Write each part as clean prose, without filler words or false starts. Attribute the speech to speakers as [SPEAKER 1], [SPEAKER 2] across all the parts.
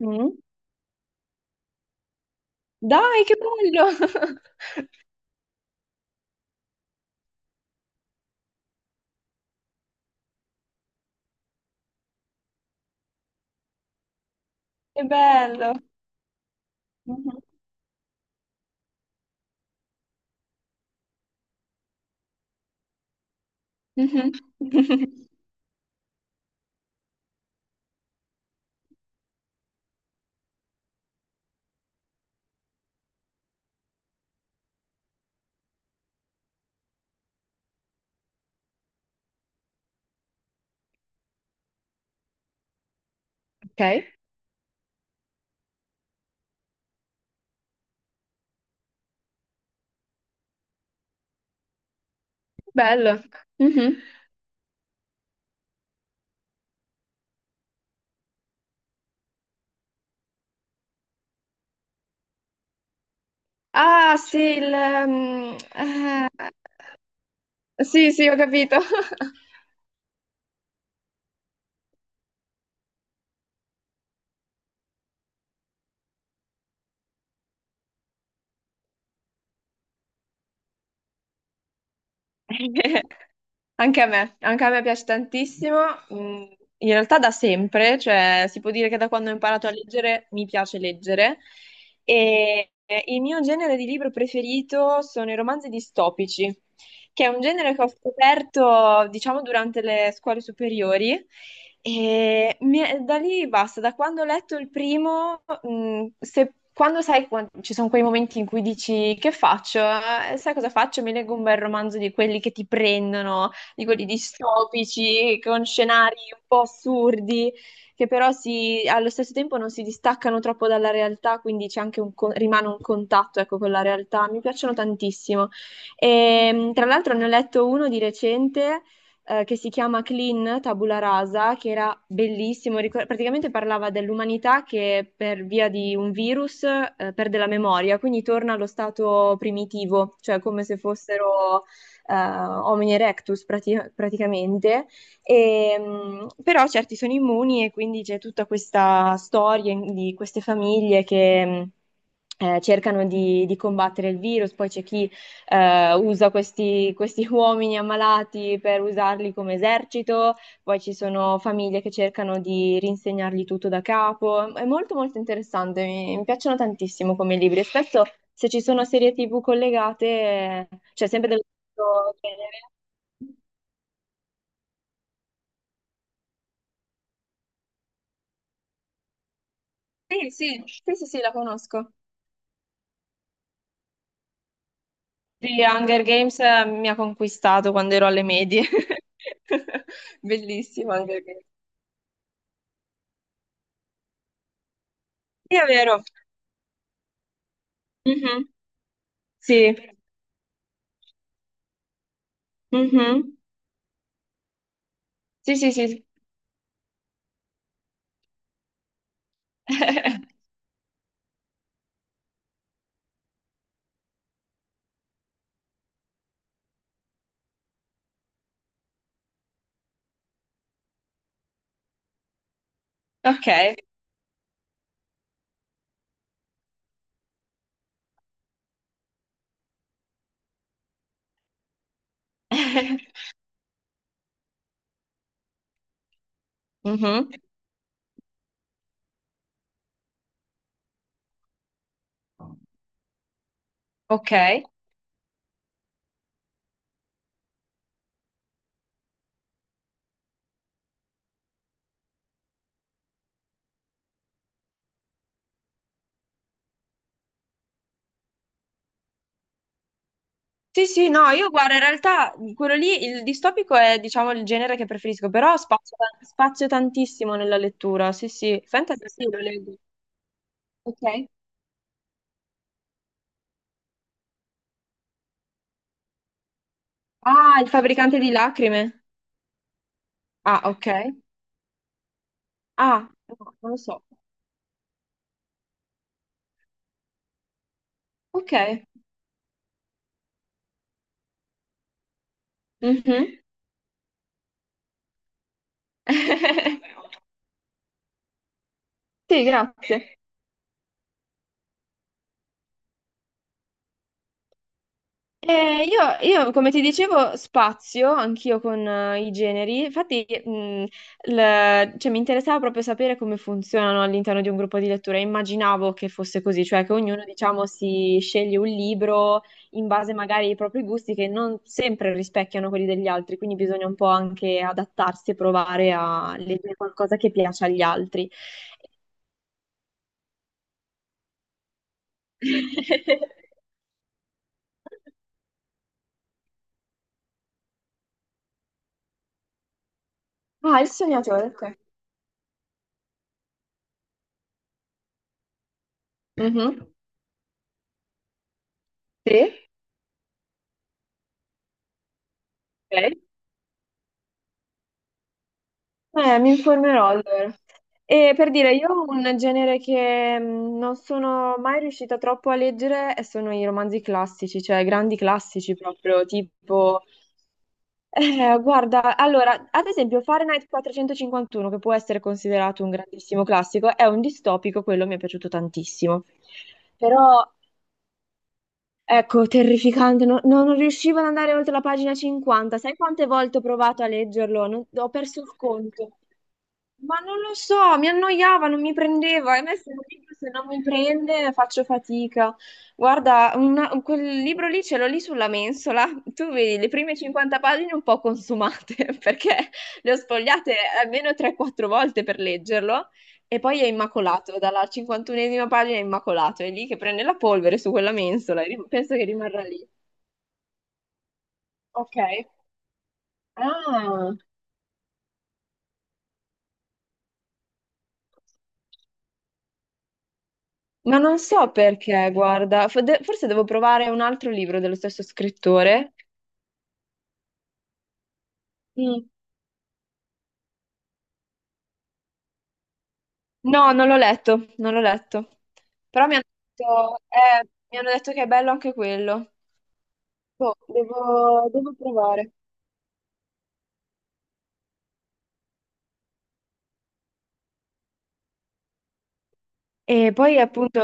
[SPEAKER 1] Mm. Dai, che bello! Che bello! Mhm. Mhm. Ok, bello. Mhm. Ah, sì, mm, eh, sì, sì, ho capito. Anche a me piace tantissimo. Mm, In realtà da sempre, cioè si può dire che da quando ho imparato a leggere mi piace leggere. E il mio genere di libro preferito sono i romanzi distopici, che è un genere che ho scoperto, diciamo, durante le scuole superiori. E da lì basta. Da quando ho letto il primo, quando sai, ci sono quei momenti in cui dici: che faccio? Sai cosa faccio? Mi leggo un bel romanzo di quelli che ti prendono, di quelli distopici, con scenari un po' assurdi, che però allo stesso tempo non si distaccano troppo dalla realtà, quindi c'è anche rimane un contatto, ecco, con la realtà. Mi piacciono tantissimo. E, tra l'altro, ne ho letto uno di recente che si chiama Clean Tabula Rasa, che era bellissimo. Praticamente parlava dell'umanità che, per via di un virus, perde la memoria, quindi torna allo stato primitivo, cioè come se fossero homini erectus praticamente. E, però certi sono immuni, e quindi c'è tutta questa storia di queste famiglie che cercano di combattere il virus. Poi c'è chi usa questi uomini ammalati per usarli come esercito, poi ci sono famiglie che cercano di rinsegnargli tutto da capo. È molto molto interessante. Mi piacciono tantissimo come libri, e spesso se ci sono serie TV collegate, cioè sempre dello stesso genere. Sì, sì, sì, sì, sì, la conosco. Sì, Hunger Games mi ha conquistato quando ero alle medie. Bellissimo Hunger. Sì, è vero. Mhm. Sì. Mhm. Sì, sì, sì, sì. Ok. Mhm. Ok. Sì, sì, no, io guardo, in realtà quello lì, il distopico è, diciamo, il genere che preferisco, però spazio, spazio tantissimo nella lettura, sì, sì. Fantasy, sì, lo leggo. Ok. Ah, il fabbricante di lacrime. Ah, ok. Ah, no, non lo so. Ok. Mhm. Sì, grazie. Eh, io, io, come ti dicevo, spazio anch'io con i generi, infatti cioè, mi interessava proprio sapere come funzionano all'interno di un gruppo di lettura. Immaginavo che fosse così, cioè che ognuno, diciamo, si sceglie un libro in base magari ai propri gusti, che non sempre rispecchiano quelli degli altri, quindi bisogna un po' anche adattarsi e provare a leggere qualcosa che piace agli altri. Ah, il sognatore, ok. Mhm. Sì, ok. Mi informerò allora. E per dire, io ho un genere che non sono mai riuscita troppo a leggere, e sono i romanzi classici, cioè grandi classici proprio, tipo... guarda, allora, ad esempio Fahrenheit 451, che può essere considerato un grandissimo classico, è un distopico, quello mi è piaciuto tantissimo. Però, ecco, terrificante, non riuscivo ad andare oltre la pagina 50. Sai quante volte ho provato a leggerlo? Ho perso il conto. Ma non lo so, mi annoiava, non mi prendeva. E a me, se un libro se non mi prende, faccio fatica. Guarda, quel libro lì ce l'ho lì sulla mensola. Tu vedi le prime 50 pagine un po' consumate perché le ho sfogliate almeno 3-4 volte per leggerlo, e poi è immacolato, dalla 51esima pagina è immacolato, è lì che prende la polvere su quella mensola e penso che rimarrà lì. Ok. Ah. Ma non so perché, guarda, forse devo provare un altro libro dello stesso scrittore. Mm. No, non l'ho letto, non l'ho letto. Però mi hanno detto che è bello anche quello. Boh, devo provare. E poi appunto.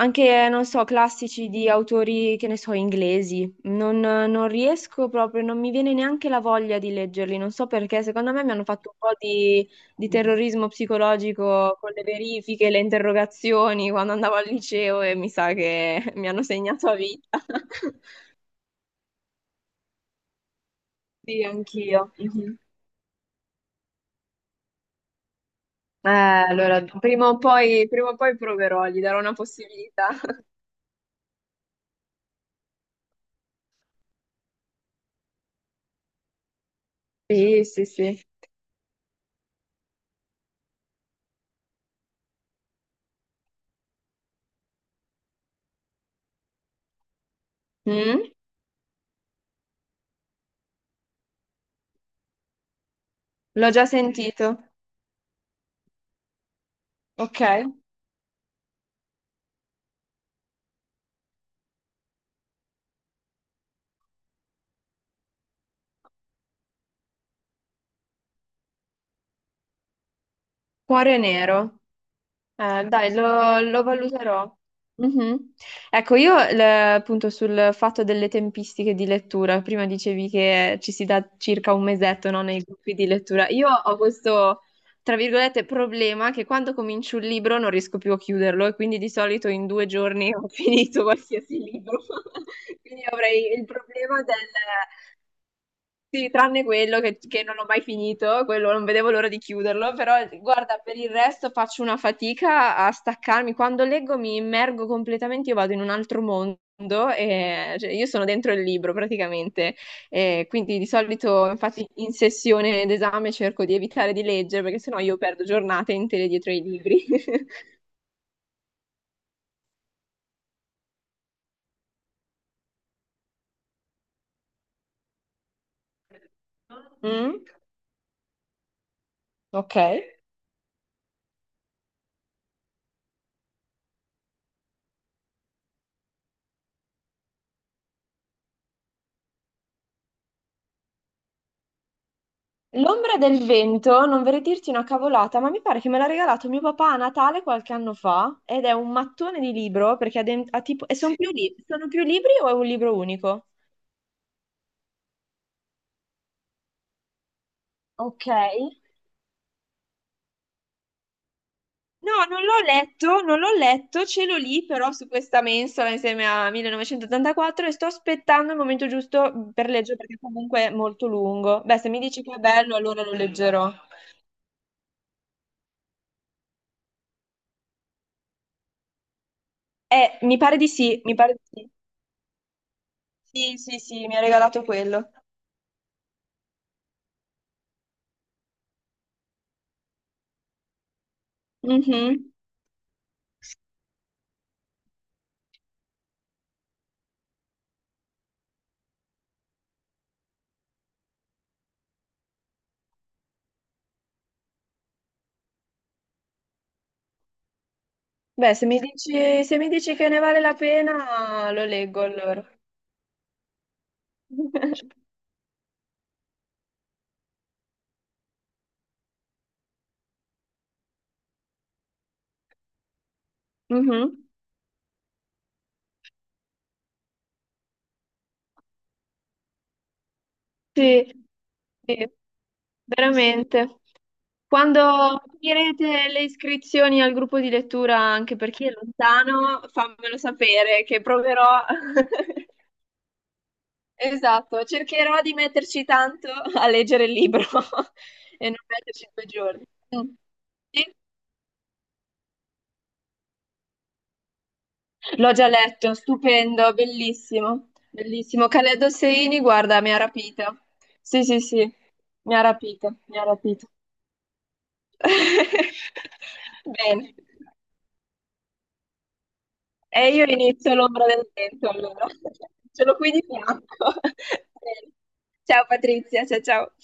[SPEAKER 1] Anche, non so, classici di autori, che ne so, inglesi. Non riesco proprio, non mi viene neanche la voglia di leggerli. Non so perché, secondo me mi hanno fatto un po' di terrorismo psicologico con le verifiche, le interrogazioni quando andavo al liceo, e mi sa che mi hanno segnato a vita. Sì, anch'io. Mhm. Allora, prima o poi proverò, gli darò una possibilità. Sì, sì, sì. Mm? L'ho già sentito. Ok. Cuore nero. Dai, lo valuterò. Mhm. Ecco, io appunto sul fatto delle tempistiche di lettura: prima dicevi che ci si dà circa un mesetto, no, nei gruppi di lettura. Io ho questo, tra virgolette, problema, che quando comincio un libro non riesco più a chiuderlo, e quindi di solito in 2 giorni ho finito qualsiasi libro. Quindi avrei il problema del... Sì, tranne quello che non ho mai finito, quello non vedevo l'ora di chiuderlo, però guarda, per il resto faccio una fatica a staccarmi. Quando leggo mi immergo completamente, io vado in un altro mondo, e cioè, io sono dentro il libro praticamente. E quindi di solito, infatti, in sessione d'esame cerco di evitare di leggere, perché sennò io perdo giornate intere dietro ai libri. Mm? Ok. L'ombra del vento, non vorrei dirti una cavolata, ma mi pare che me l'ha regalato mio papà a Natale qualche anno fa, ed è un mattone di libro perché ha tipo... E sono. Sì. Più, sono più libri o è un libro unico? Ok. No, non l'ho letto, non l'ho letto, ce l'ho lì però su questa mensola insieme a 1984, e sto aspettando il momento giusto per leggere perché comunque è molto lungo. Beh, se mi dici che è bello, allora lo leggerò. Mi pare di sì, mi pare di sì. Sì, sì, sì, mi ha regalato quello. Mhm. Beh, se mi dici che ne vale la pena, lo leggo allora. Mhm. Sì, sì, veramente. Quando finirete le iscrizioni al gruppo di lettura, anche per chi è lontano, fammelo sapere che proverò. Esatto, cercherò di metterci tanto a leggere il libro e non metterci 2 giorni. Mm. Sì? L'ho già letto, stupendo, bellissimo, bellissimo. Khaled Hosseini, guarda, mi ha rapita. Sì, sì, sì, mi ha rapita, mi ha rapito. Bene. E io inizio L'ombra del vento, allora. Ce l'ho qui di fianco. Bene. Ciao Patrizia, ciao ciao.